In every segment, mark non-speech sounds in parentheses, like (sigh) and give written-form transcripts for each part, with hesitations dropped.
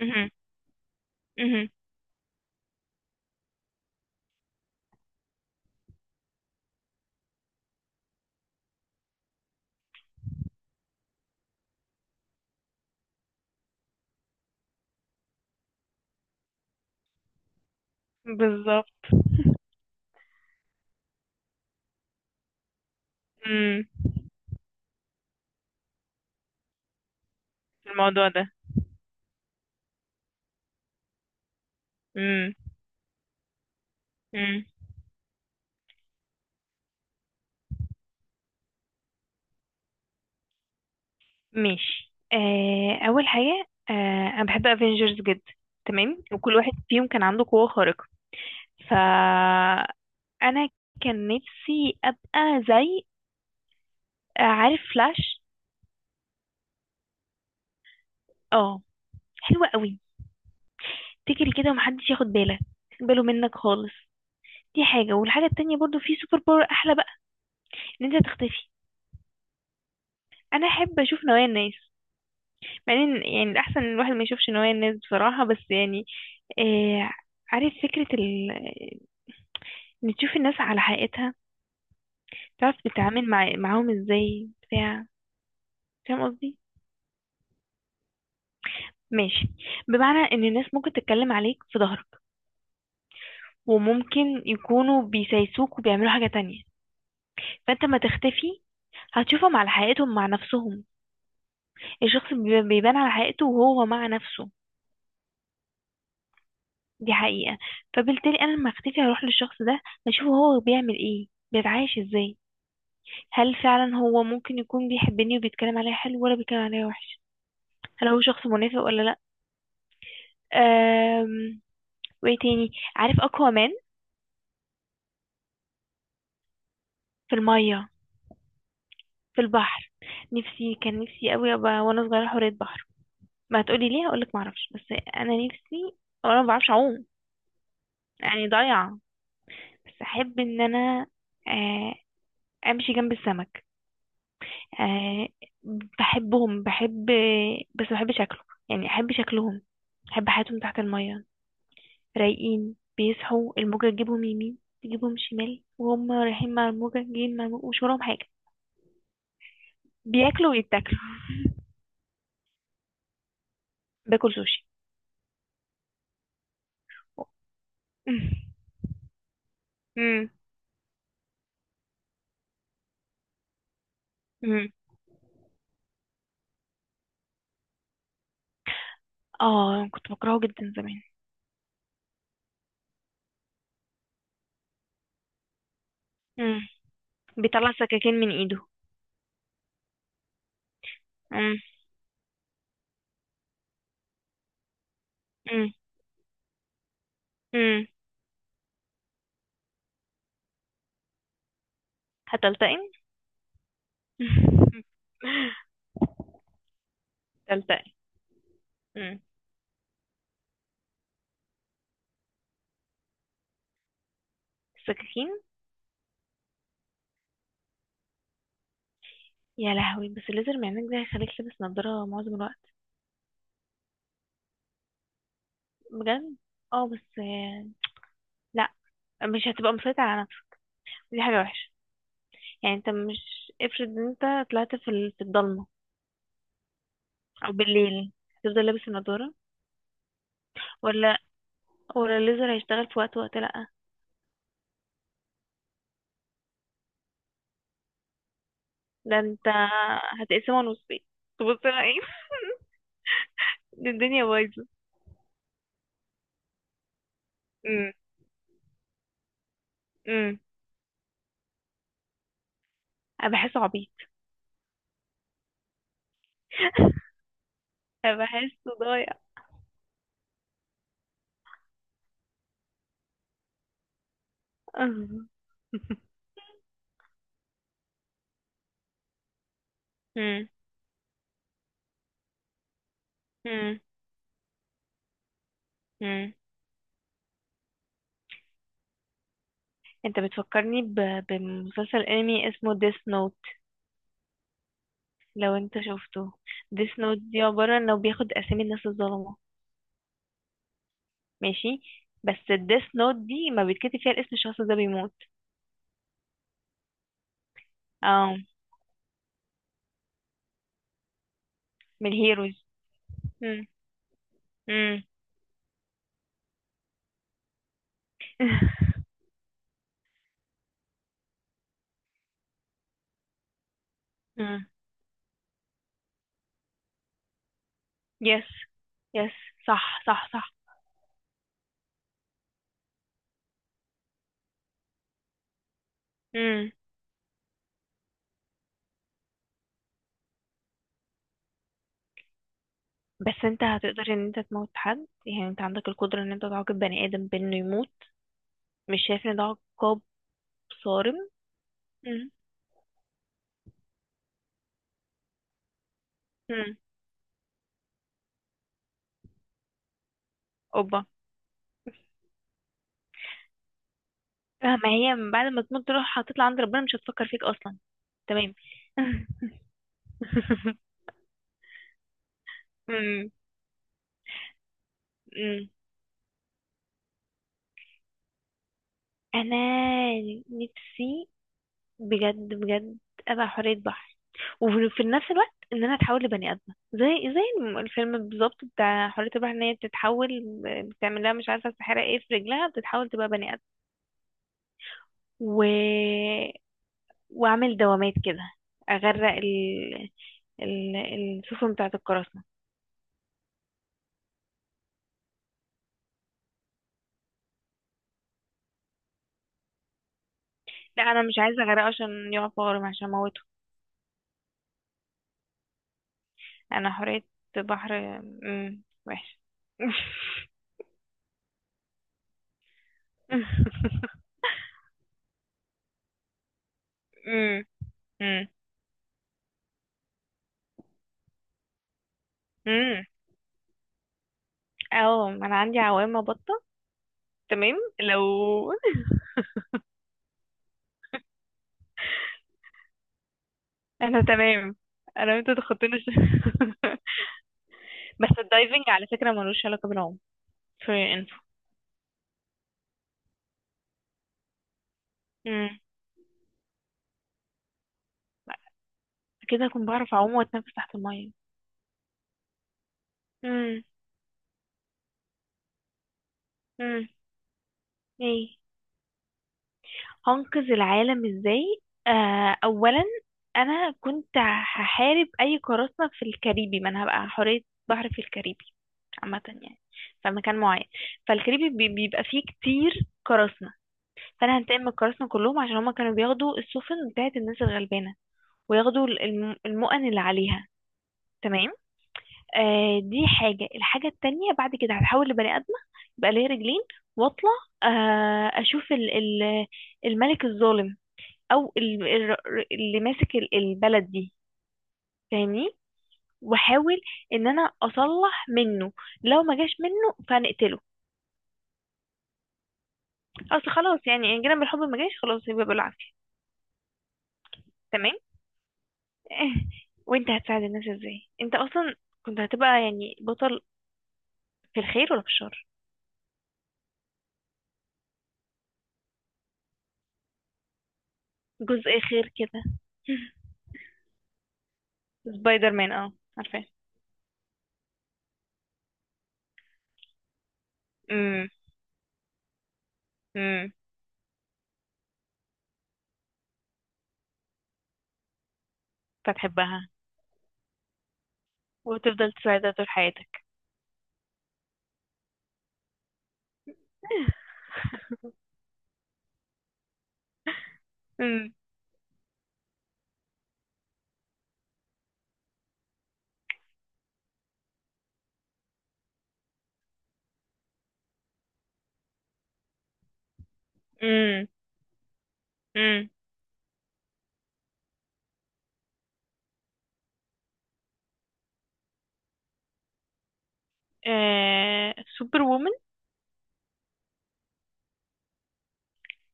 مهم. مهم. بالظبط. مم. الموضوع ده. مم. مم. ماشي. اول حاجه، انا بحب افنجرز جدا. تمام، وكل واحد فيهم كان عنده قوه خارقه. فانا كان نفسي ابقى زي، عارف فلاش؟ اه، حلوه قوي. تجري كده ومحدش ياخد باله منك خالص. دي حاجه، والحاجه التانية برضو في سوبر باور احلى بقى: ان انت تختفي. انا احب اشوف نوايا الناس. مع ان يعني الاحسن إن الواحد ما يشوفش نوايا الناس بصراحه، بس يعني آه عارف فكرة ال... إن تشوف الناس على حقيقتها، تعرف تتعامل مع... معاهم ازاي، بتاع. فاهم قصدي؟ ماشي. بمعنى ان الناس ممكن تتكلم عليك في ظهرك، وممكن يكونوا بيسايسوك وبيعملوا حاجة تانية. فانت ما تختفي هتشوفهم على حقيقتهم مع نفسهم. الشخص بيبان على حقيقته وهو مع نفسه. دي حقيقة. فبالتالي انا لما اختفي هروح للشخص ده، اشوفه هو بيعمل ايه، بيتعايش ازاي. هل فعلا هو ممكن يكون بيحبني وبيتكلم عليا حلو، ولا بيتكلم عليا وحش؟ هل هو شخص منافق ولا لا؟ أم... وايه تاني؟ عارف اكوامان؟ في الميه، في البحر. نفسي، كان نفسي قوي ابقى وانا صغيره حورية بحر. ما هتقولي ليه؟ هقولك ما اعرفش، بس انا نفسي. وانا ما بعرفش اعوم، يعني ضايعه. بس احب ان انا آه، امشي جنب السمك. آه، بحبهم، بحب. بس ما بحب شكله، يعني احب شكلهم. احب حياتهم تحت الميه. رايقين، بيصحوا الموجة تجيبهم يمين تجيبهم شمال، وهم رايحين مع الموجة جايين مع الموجة، مش وراهم حاجة. بياكلوا ويتاكلوا. (laughs) باكل سوشي. امم. امم. اه، كنت بكرهه جدا زمان. امم. بيطلع سكاكين من ايده. امم. امم. امم. هتلتقن. (laughs) تلتقن. امم. السكاكين. (laughs) يا لهوي، بس الليزر معمك ده هيخليك لابس نضارة معظم الوقت. بجد. اه بس لا. مش هتبقى مسيطر على نفسك. دي حاجة وحشة. يعني انت مش افرض ان انت طلعت في في الضلمة، او بالليل، هتفضل لابس النضارة؟ ولا، ولا الليزر هيشتغل في وقت لأ؟ ده انت هتقسمه نصين. تبص انا ايه؟ (laughs) دي الدنيا بايظة. امم. امم. انا بحسه عبيط. (laughs) انا بحسه ضايع. (laughs) امم. امم. امم. انت بتفكرني بمسلسل انمي اسمه ديس نوت. لو انت شفته؟ ديس نوت دي عبارة انه بياخد اسامي الناس الظلمة. ماشي. بس الديس نوت دي ما بيتكتب فيها الاسم الشخص ده بيموت. اه، من الهيروز. مم. مم. (laughs) مم. يس. يس. صح صح صح. مم. بس انت هتقدر ان انت تموت حد؟ يعني انت عندك القدرة ان انت تعاقب بني ادم بانه يموت. مش شايف ان ده عقاب صارم؟ مم. مم. اوبا. ما هي من بعد ما تموت تروح هتطلع عند ربنا، مش هتفكر فيك اصلا. تمام. (laughs) مم. مم. انا نفسي، بجد بجد، ابقى حورية بحر. وفي نفس الوقت ان انا اتحول لبني ادمه، زي الفيلم بالظبط بتاع حورية البحر ان هي بتتحول. بتعمل لها مش عارفه السحاره ايه في رجلها، بتتحول تبقى بني ادم. و... واعمل دوامات كده، اغرق ال... ال... السفن بتاعه القراصنه. لا انا مش عايزه اغرقه عشان يقع في غرام، عشان اموته. انا حورية بحر. امم. وحش. (laughs) امم. امم. اه، ما انا عندي عوامة بطة. تمام لو. (laughs) انا تمام. انا وانت تخطينا الش-. (laughs) بس الدايفنج على فكرة ملوش علاقة بالعوم. for your info. امم. كده هكون بعرف اعوم واتنفس تحت المية. امم. امم. ايه؟ هنقذ العالم ازاي؟ اولا، انا كنت هحارب اي قراصنة في الكاريبي، ما انا هبقى حورية بحر في الكاريبي. عامة يعني، في مكان معين، فالكاريبي بيبقى فيه كتير قراصنة. فانا هنتقم من الكراسنا كلهم عشان هما كانوا بياخدوا السفن بتاعت الناس الغلبانه، وياخدوا المؤن اللي عليها. تمام. دي حاجه. الحاجه التانية بعد كده، هتحول لبني ادمه يبقى ليا رجلين، واطلع اشوف ال الملك الظالم، او ال اللي ماسك البلد دي. فاهمني؟ واحاول ان انا اصلح منه، لو ما جاش منه فنقتله. اصل خلاص يعني، ان جينا بالحب ما جاش، خلاص يبقى بالعافيه. تمام. (laughs) وانت هتساعد الناس ازاي؟ انت اصلا كنت هتبقى يعني بطل في الخير ولا في الشر؟ جزء خير كده. (laughs) سبايدر مان؟ اه، عارفاه. امم. امم. فتحبها وتفضل تساعدها طول حياتك. (laughs) امم. امم. امم. سوبر وومن.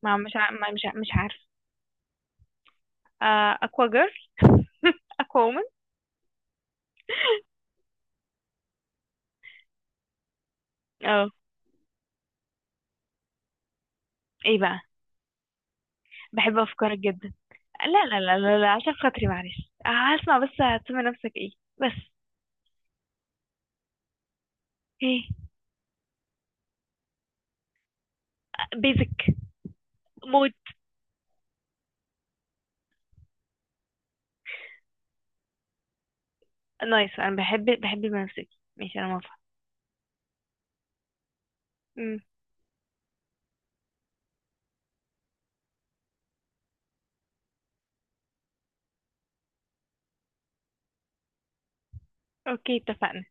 ما مش ع... ما مش ع... مش عارف. اكوا جيرل، اكوا وومن. (laughs) اه، ايه بقى؟ بحب افكارك جدا. لا لا لا لا, لا، عشان خاطري معلش، هسمع بس هتسمي نفسك ايه؟ بس. ايه؟ بيزك. موت. نايس، انا بحب المنسك. ماشي انا موافقة. امم. اوكي اتفقنا.